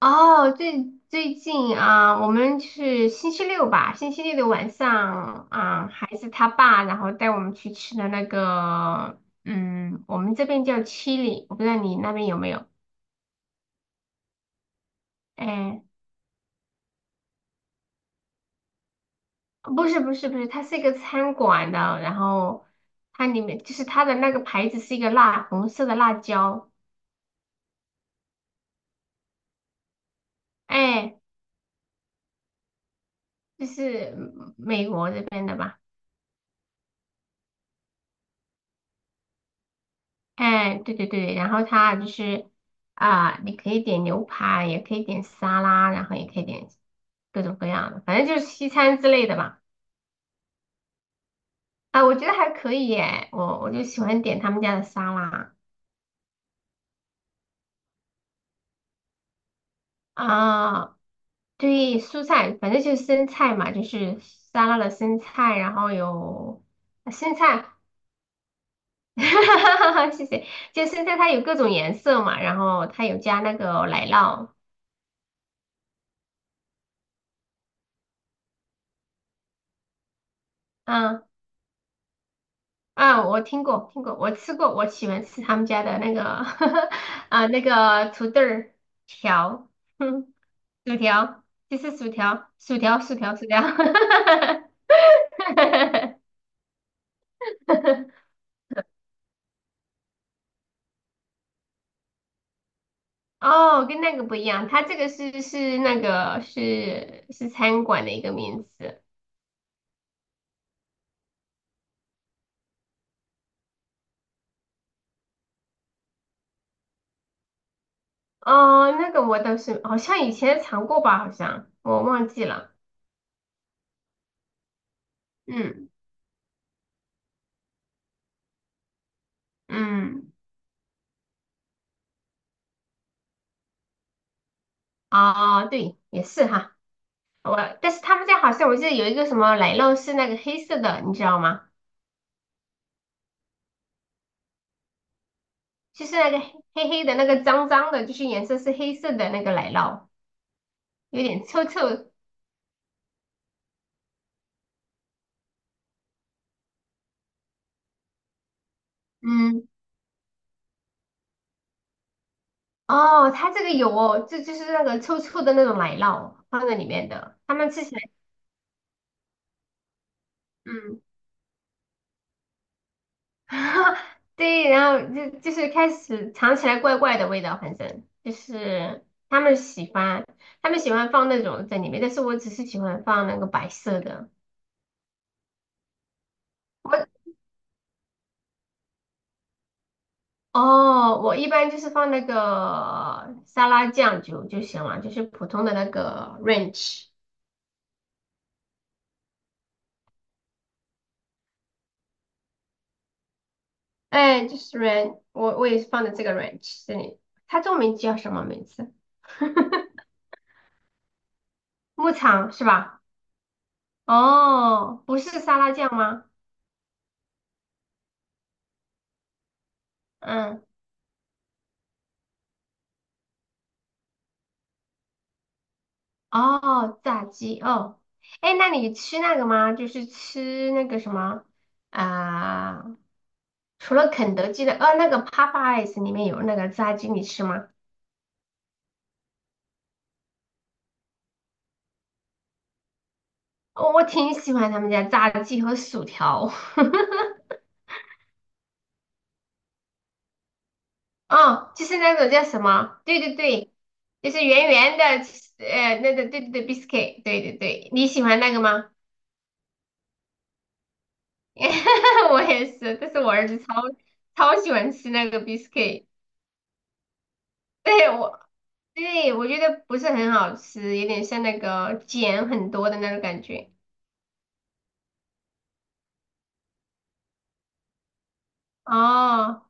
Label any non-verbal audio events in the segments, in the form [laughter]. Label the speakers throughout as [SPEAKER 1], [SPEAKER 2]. [SPEAKER 1] 哦，最近啊，我们是星期六吧，星期六的晚上啊，孩子他爸然后带我们去吃的那个，我们这边叫七里，我不知道你那边有没有？哎，不是不是不是，它是一个餐馆的，然后它里面就是它的那个牌子是一个辣红色的辣椒，哎，就是美国这边的吧。哎，对对对，然后它就是啊、你可以点牛排，也可以点沙拉，然后也可以点各种各样的，反正就是西餐之类的吧。啊，我觉得还可以耶，我就喜欢点他们家的沙拉啊，对，蔬菜，反正就是生菜嘛，就是沙拉的生菜，然后生菜，[laughs] 哈哈哈谢谢，就生菜它有各种颜色嘛，然后它有加那个奶酪，啊啊，我听过，听过，我吃过，我喜欢吃他们家的那个 [laughs] 啊，那个土豆儿条，哼，薯条，就是薯条，薯条，薯条，薯条，[laughs] 哦，跟那个不一样，它这个是那个是餐馆的一个名字，哦，那个我倒是好像以前尝过吧，好像我忘记了，嗯嗯，哦，对，也是哈。但是他们家好像我记得有一个什么奶酪是那个黑色的，你知道吗？就是那个黑黑黑的那个脏脏的，就是颜色是黑色的那个奶酪，有点臭臭。嗯，哦，它这个有哦，这就是那个臭臭的那种奶酪放在里面的，他们吃起来，嗯，[laughs] 对，然后就是开始尝起来怪怪的味道，反正就是他们喜欢放那种在里面，但是我只是喜欢放那个白色的。我哦，我一般就是放那个沙拉酱就行了，就是普通的那个 ranch，哎，就是 ranch，我也是放的这个 ranch 这里，它中文叫什么名字？牧场是吧？哦，不是沙拉酱吗？嗯，哦，炸鸡哦，哎，那你吃那个吗？就是吃那个什么啊、除了肯德基的，那个 Popeyes 里面有那个炸鸡，你吃吗？哦，我挺喜欢他们家炸鸡和薯条。[laughs] 哦，就是那种叫什么？对对对，就是圆圆的，那个对对对，biscuit，对对对，你喜欢那个吗？[laughs] 我也是，但是我儿子超喜欢吃那个 biscuit，对我，对我觉得不是很好吃，有点像那个碱很多的那种感觉。哦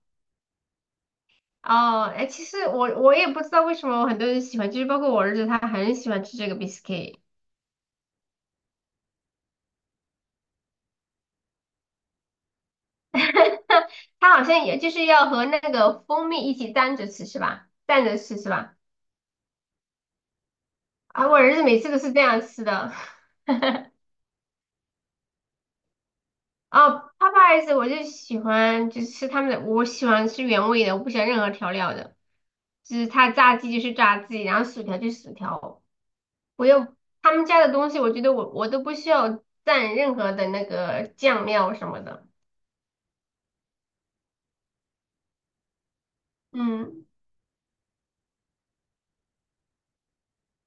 [SPEAKER 1] 哦，哎，其实我也不知道为什么很多人喜欢，就是包括我儿子，他很喜欢吃这个 biscuit。它好像也就是要和那个蜂蜜一起蘸着吃是吧？蘸着吃是吧？啊，我儿子每次都是这样吃的。哦 p o p e y e 我就喜欢就是吃他们的，我喜欢吃原味的，我不喜欢任何调料的。就是它炸鸡就是炸鸡，然后薯条就是薯条。我又他们家的东西，我觉得我都不需要蘸任何的那个酱料什么的。嗯，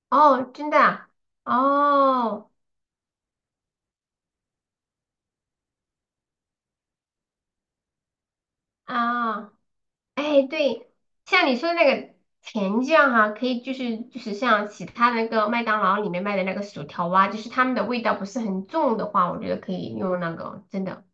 [SPEAKER 1] 哦，真的啊？哦啊。哎，对，像你说的那个甜酱哈、可以就是像其他的那个麦当劳里面卖的那个薯条啊，就是他们的味道不是很重的话，我觉得可以用那个，真的。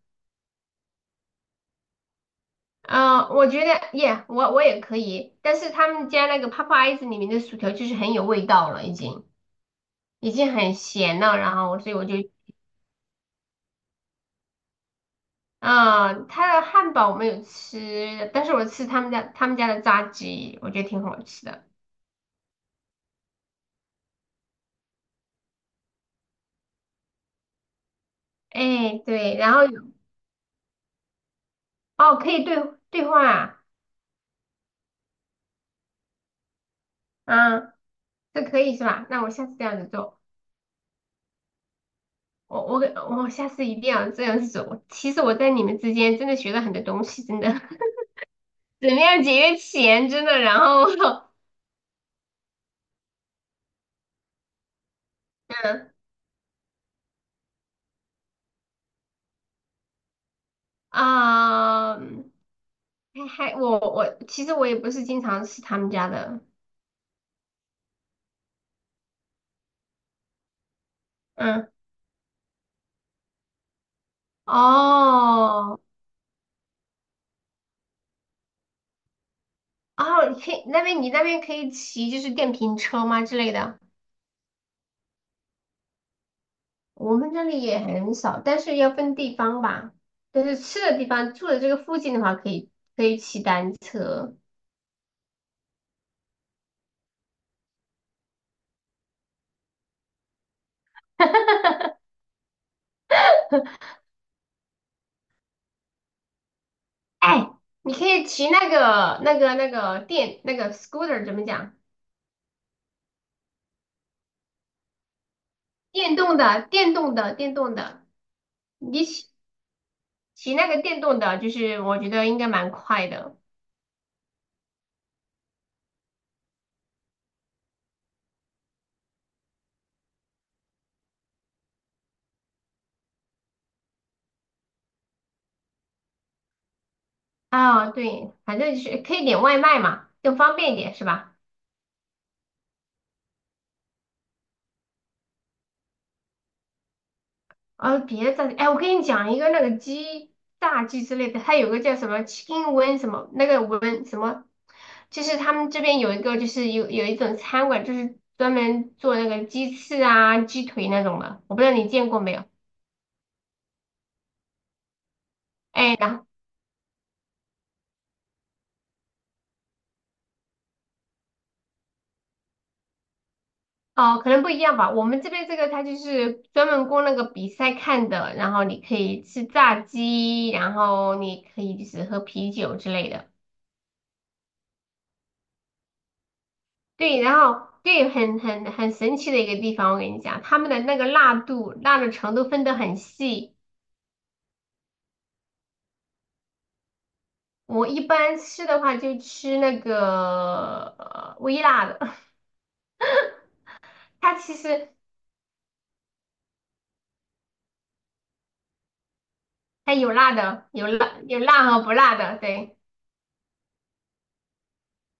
[SPEAKER 1] 我觉得耶我也可以，但是他们家那个 p o p e y e 里面的薯条就是很有味道了，已经很咸了，然后所以我就，他的汉堡我没有吃，但是我吃他们家的炸鸡，我觉得挺好吃的。哎，对，然后哦，可以兑换啊。啊，这可以是吧？那我下次这样子做，我下次一定要这样子做。其实我在你们之间真的学了很多东西，真的，[laughs] 怎么样节约钱，真的。然后，[laughs] 嗯啊，还我其实我也不是经常吃他们家的，嗯，哦哦，你那边可以骑就是电瓶车吗之类的？我们这里也很少，但是要分地方吧。但是吃的地方，住的这个附近的话，可以骑单车。哎，你可以骑那个电那个 scooter 怎么讲？电动的，电动的，电动的。你骑那个电动的，就是我觉得应该蛮快的。啊，对，反正就是可以点外卖嘛，更方便一点是吧？啊，别的炸鸡哎，我跟你讲一个那个炸鸡之类的，它有个叫什么 chicken wing 什么那个 wing 什么，就是他们这边有一个就是有一种餐馆，就是专门做那个鸡翅啊、鸡腿那种的，我不知道你见过没有？哎，然后哦，可能不一样吧。我们这边这个它就是专门供那个比赛看的，然后你可以吃炸鸡，然后你可以就是喝啤酒之类的。对，然后对，很神奇的一个地方，我跟你讲，他们的那个辣度、辣的程度分得很细。我一般吃的话就吃那个微辣的，[laughs] 它其实有辣的，有辣和不辣的。对，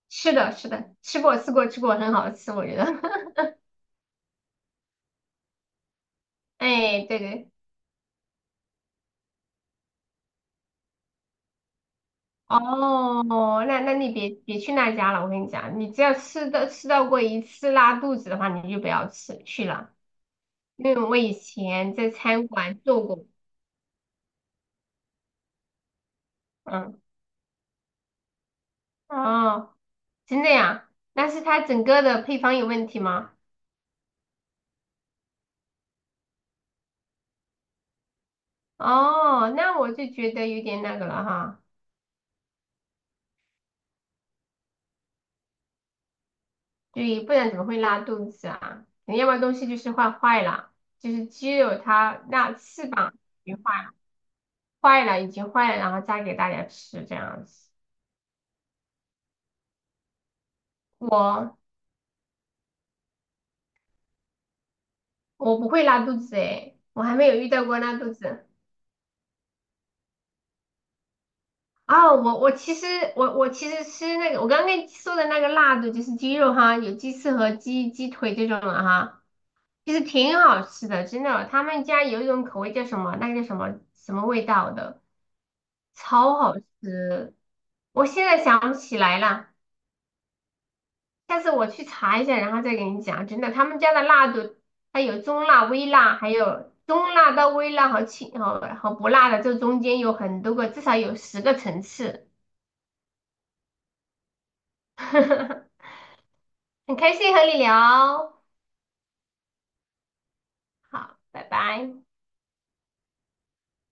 [SPEAKER 1] 是的，是的，吃过吃过吃过，很好吃，我觉得。[laughs] 哎，对对，哦，那你别去那家了，我跟你讲，你只要吃到过一次拉肚子的话，你就不要吃去了。因为我以前在餐馆做过，嗯，哦，真的呀？那是它整个的配方有问题吗？哦，那我就觉得有点那个了哈，对，不然怎么会拉肚子啊？你要么东西就是坏了，就是鸡肉它那翅膀已经坏了，坏了已经坏了，然后再给大家吃这样子。我我不会拉肚子诶，我还没有遇到过拉肚子。哦，我其实吃那个，我刚刚跟你说的那个辣的，就是鸡肉哈，有鸡翅和鸡腿这种的哈，其实挺好吃的，真的。他们家有一种口味叫什么，那个叫什么什么味道的，超好吃。我现在想不起来了，下次我去查一下，然后再给你讲。真的，他们家的辣度，它有中辣、微辣，还有中辣到微辣和轻和不辣的，这中间有很多个，至少有10个层次。[laughs] 很开心和你聊，好，拜拜。